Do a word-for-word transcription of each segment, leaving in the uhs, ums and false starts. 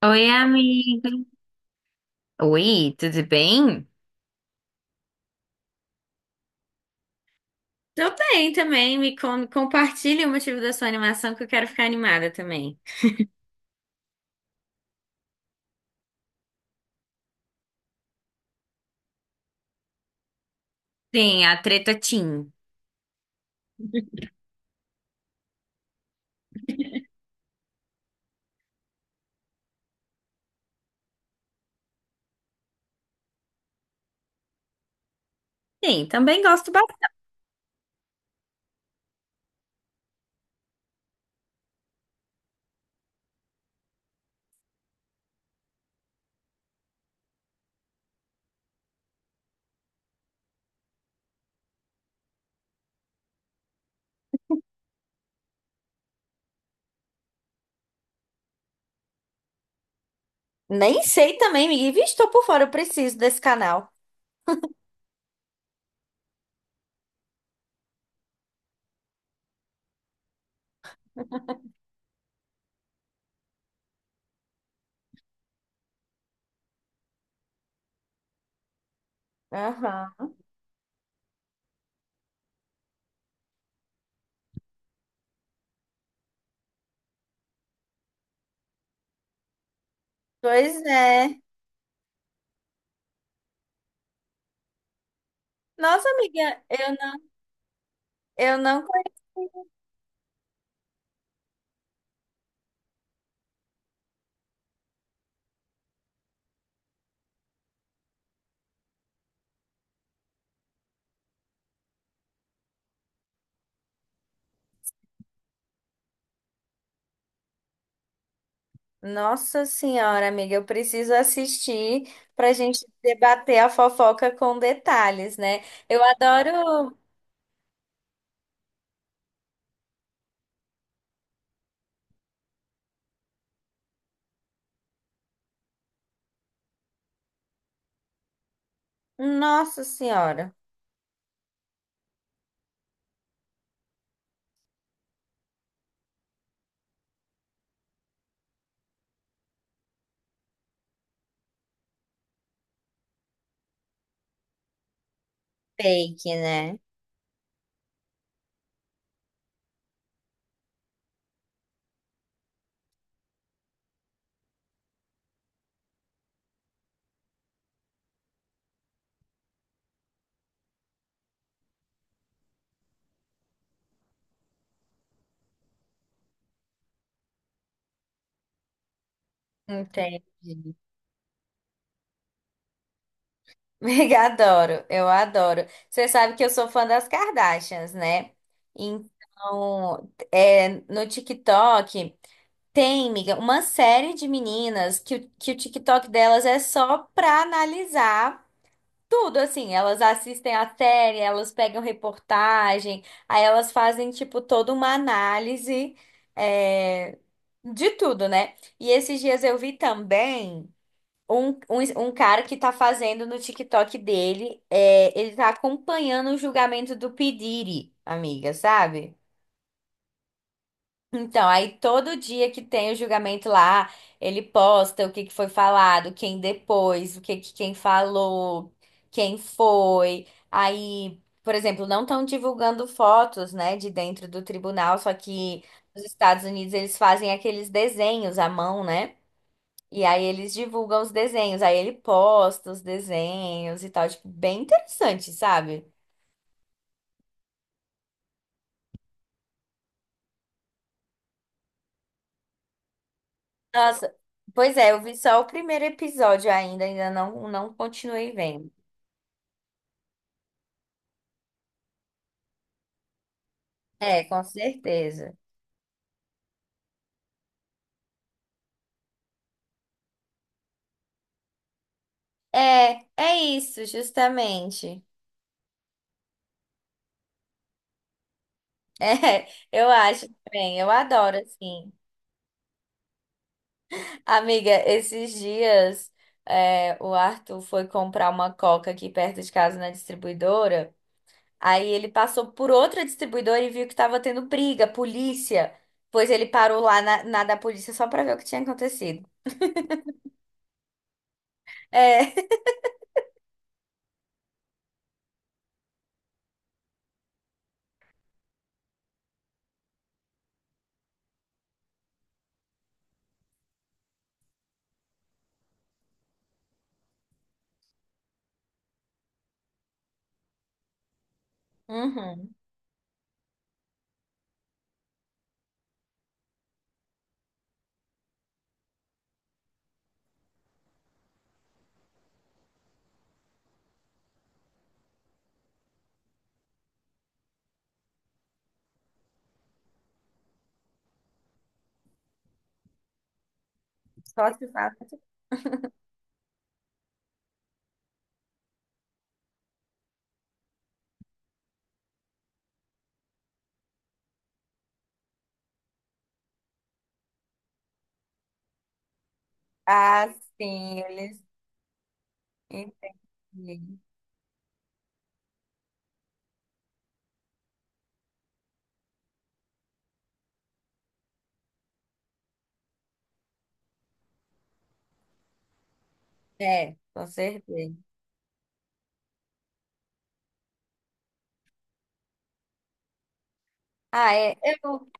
Oi, amiga. Oi, tudo bem? Tô bem também, me com- compartilhe o motivo da sua animação que eu quero ficar animada também. Sim, a treta Tim. Sim, também gosto bastante. Nem sei também, amiga. Ih, Vixe, tô por fora, eu preciso desse canal. Aham. Pois é. Nossa, amiga, eu não, eu não conheço. Nossa senhora, amiga, eu preciso assistir pra gente debater a fofoca com detalhes, né? Eu adoro. Nossa senhora. Fake, né? Entendi. Adoro, eu adoro. Você sabe que eu sou fã das Kardashians, né? Então, é, no TikTok tem, miga, uma série de meninas que, o- que o TikTok delas é só pra analisar tudo, assim. Elas assistem a série, elas pegam reportagem, aí elas fazem, tipo, toda uma análise, é, de tudo, né? E esses dias eu vi também. Um, um, um cara que tá fazendo no TikTok dele, é, ele tá acompanhando o julgamento do P. Diddy, amiga, sabe? Então, aí todo dia que tem o julgamento lá, ele posta o que que foi falado, quem depois, o que que quem falou, quem foi. Aí, por exemplo, não estão divulgando fotos, né, de dentro do tribunal, só que nos Estados Unidos eles fazem aqueles desenhos à mão, né? E aí eles divulgam os desenhos, aí ele posta os desenhos e tal, tipo, bem interessante, sabe? Nossa, pois é, eu vi só o primeiro episódio ainda, ainda não, não continuei vendo. É, com certeza. É, é isso, justamente. É, eu acho também, eu adoro, assim. Amiga, esses dias, é, o Arthur foi comprar uma coca aqui perto de casa na distribuidora. Aí ele passou por outra distribuidora e viu que estava tendo briga, polícia. Pois ele parou lá na, na da polícia só para ver o que tinha acontecido. É. Uhum. Só se faz. Ah, sim, eles entendem. É, com certeza. Ah, é, eu-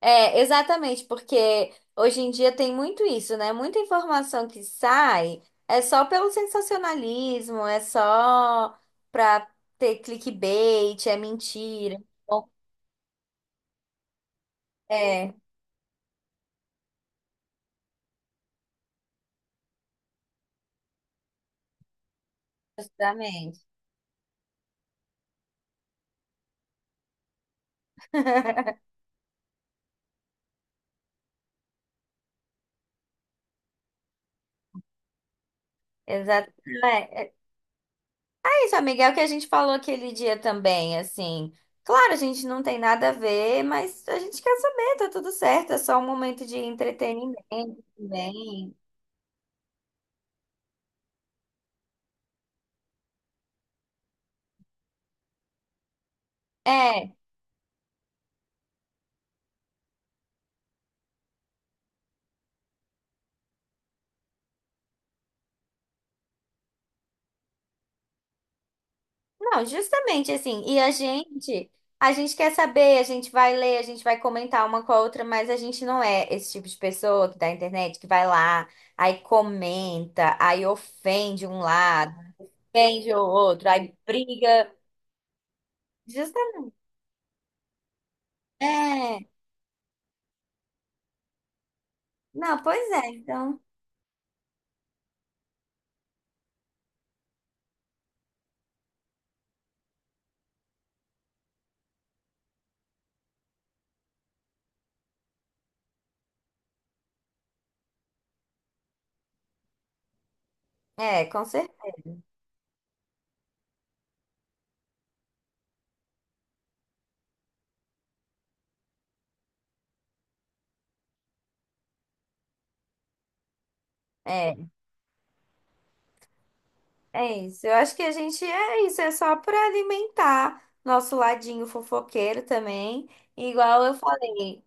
é, exatamente, porque hoje em dia tem muito isso, né? Muita informação que sai é só pelo sensacionalismo, é só pra ter clickbait, é mentira. Bom, é. Justamente. Exato. É, é isso, amiga, é o que a gente falou aquele dia também, assim. Claro, a gente não tem nada a ver, mas a gente quer saber, tá tudo certo, é só um momento de entretenimento também. É, não, justamente assim. E a gente, a gente quer saber, a gente vai ler, a gente vai comentar uma com a outra, mas a gente não é esse tipo de pessoa que da internet que vai lá, aí comenta, aí ofende um lado, ofende o outro, aí briga. Justamente. Não, pois é, então. É, com certeza. É, é isso. Eu acho que a gente é isso, é só para alimentar nosso ladinho fofoqueiro também. Igual eu falei.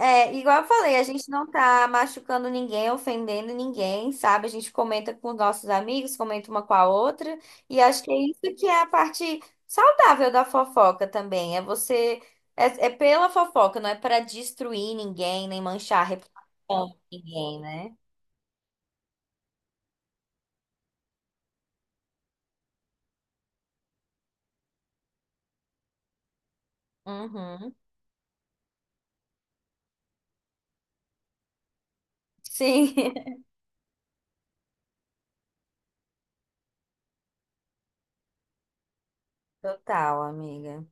É, igual eu falei, a gente não tá machucando ninguém, ofendendo ninguém, sabe? A gente comenta com os nossos amigos, comenta uma com a outra, e acho que é isso que é a parte saudável da fofoca também. É você é, é pela fofoca, não é para destruir ninguém, nem manchar a reputação de ninguém, né? Uhum. Sim, total, amiga.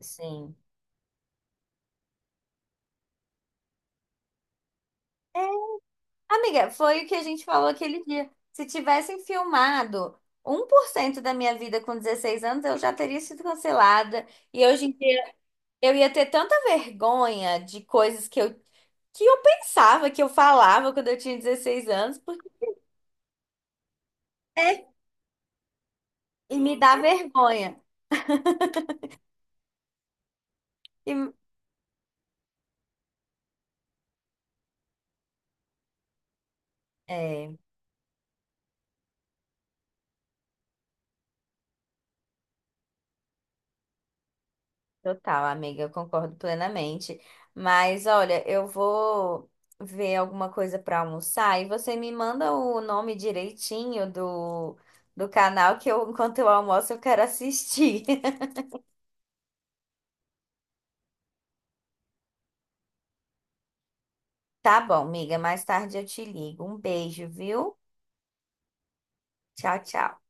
Sim. Amiga, foi o que a gente falou aquele dia. Se tivessem filmado um por cento da minha vida com dezesseis anos, eu já teria sido cancelada. E hoje em dia eu ia ter tanta vergonha de coisas que eu, que eu pensava, que eu falava quando eu tinha dezesseis anos, porque, é, e me dá vergonha. E, é. Total, amiga, eu concordo plenamente. Mas olha, eu vou ver alguma coisa para almoçar e você me manda o nome direitinho do, do canal que eu, enquanto eu almoço, eu quero assistir. Tá bom, amiga, mais tarde eu te ligo. Um beijo, viu? Tchau, tchau.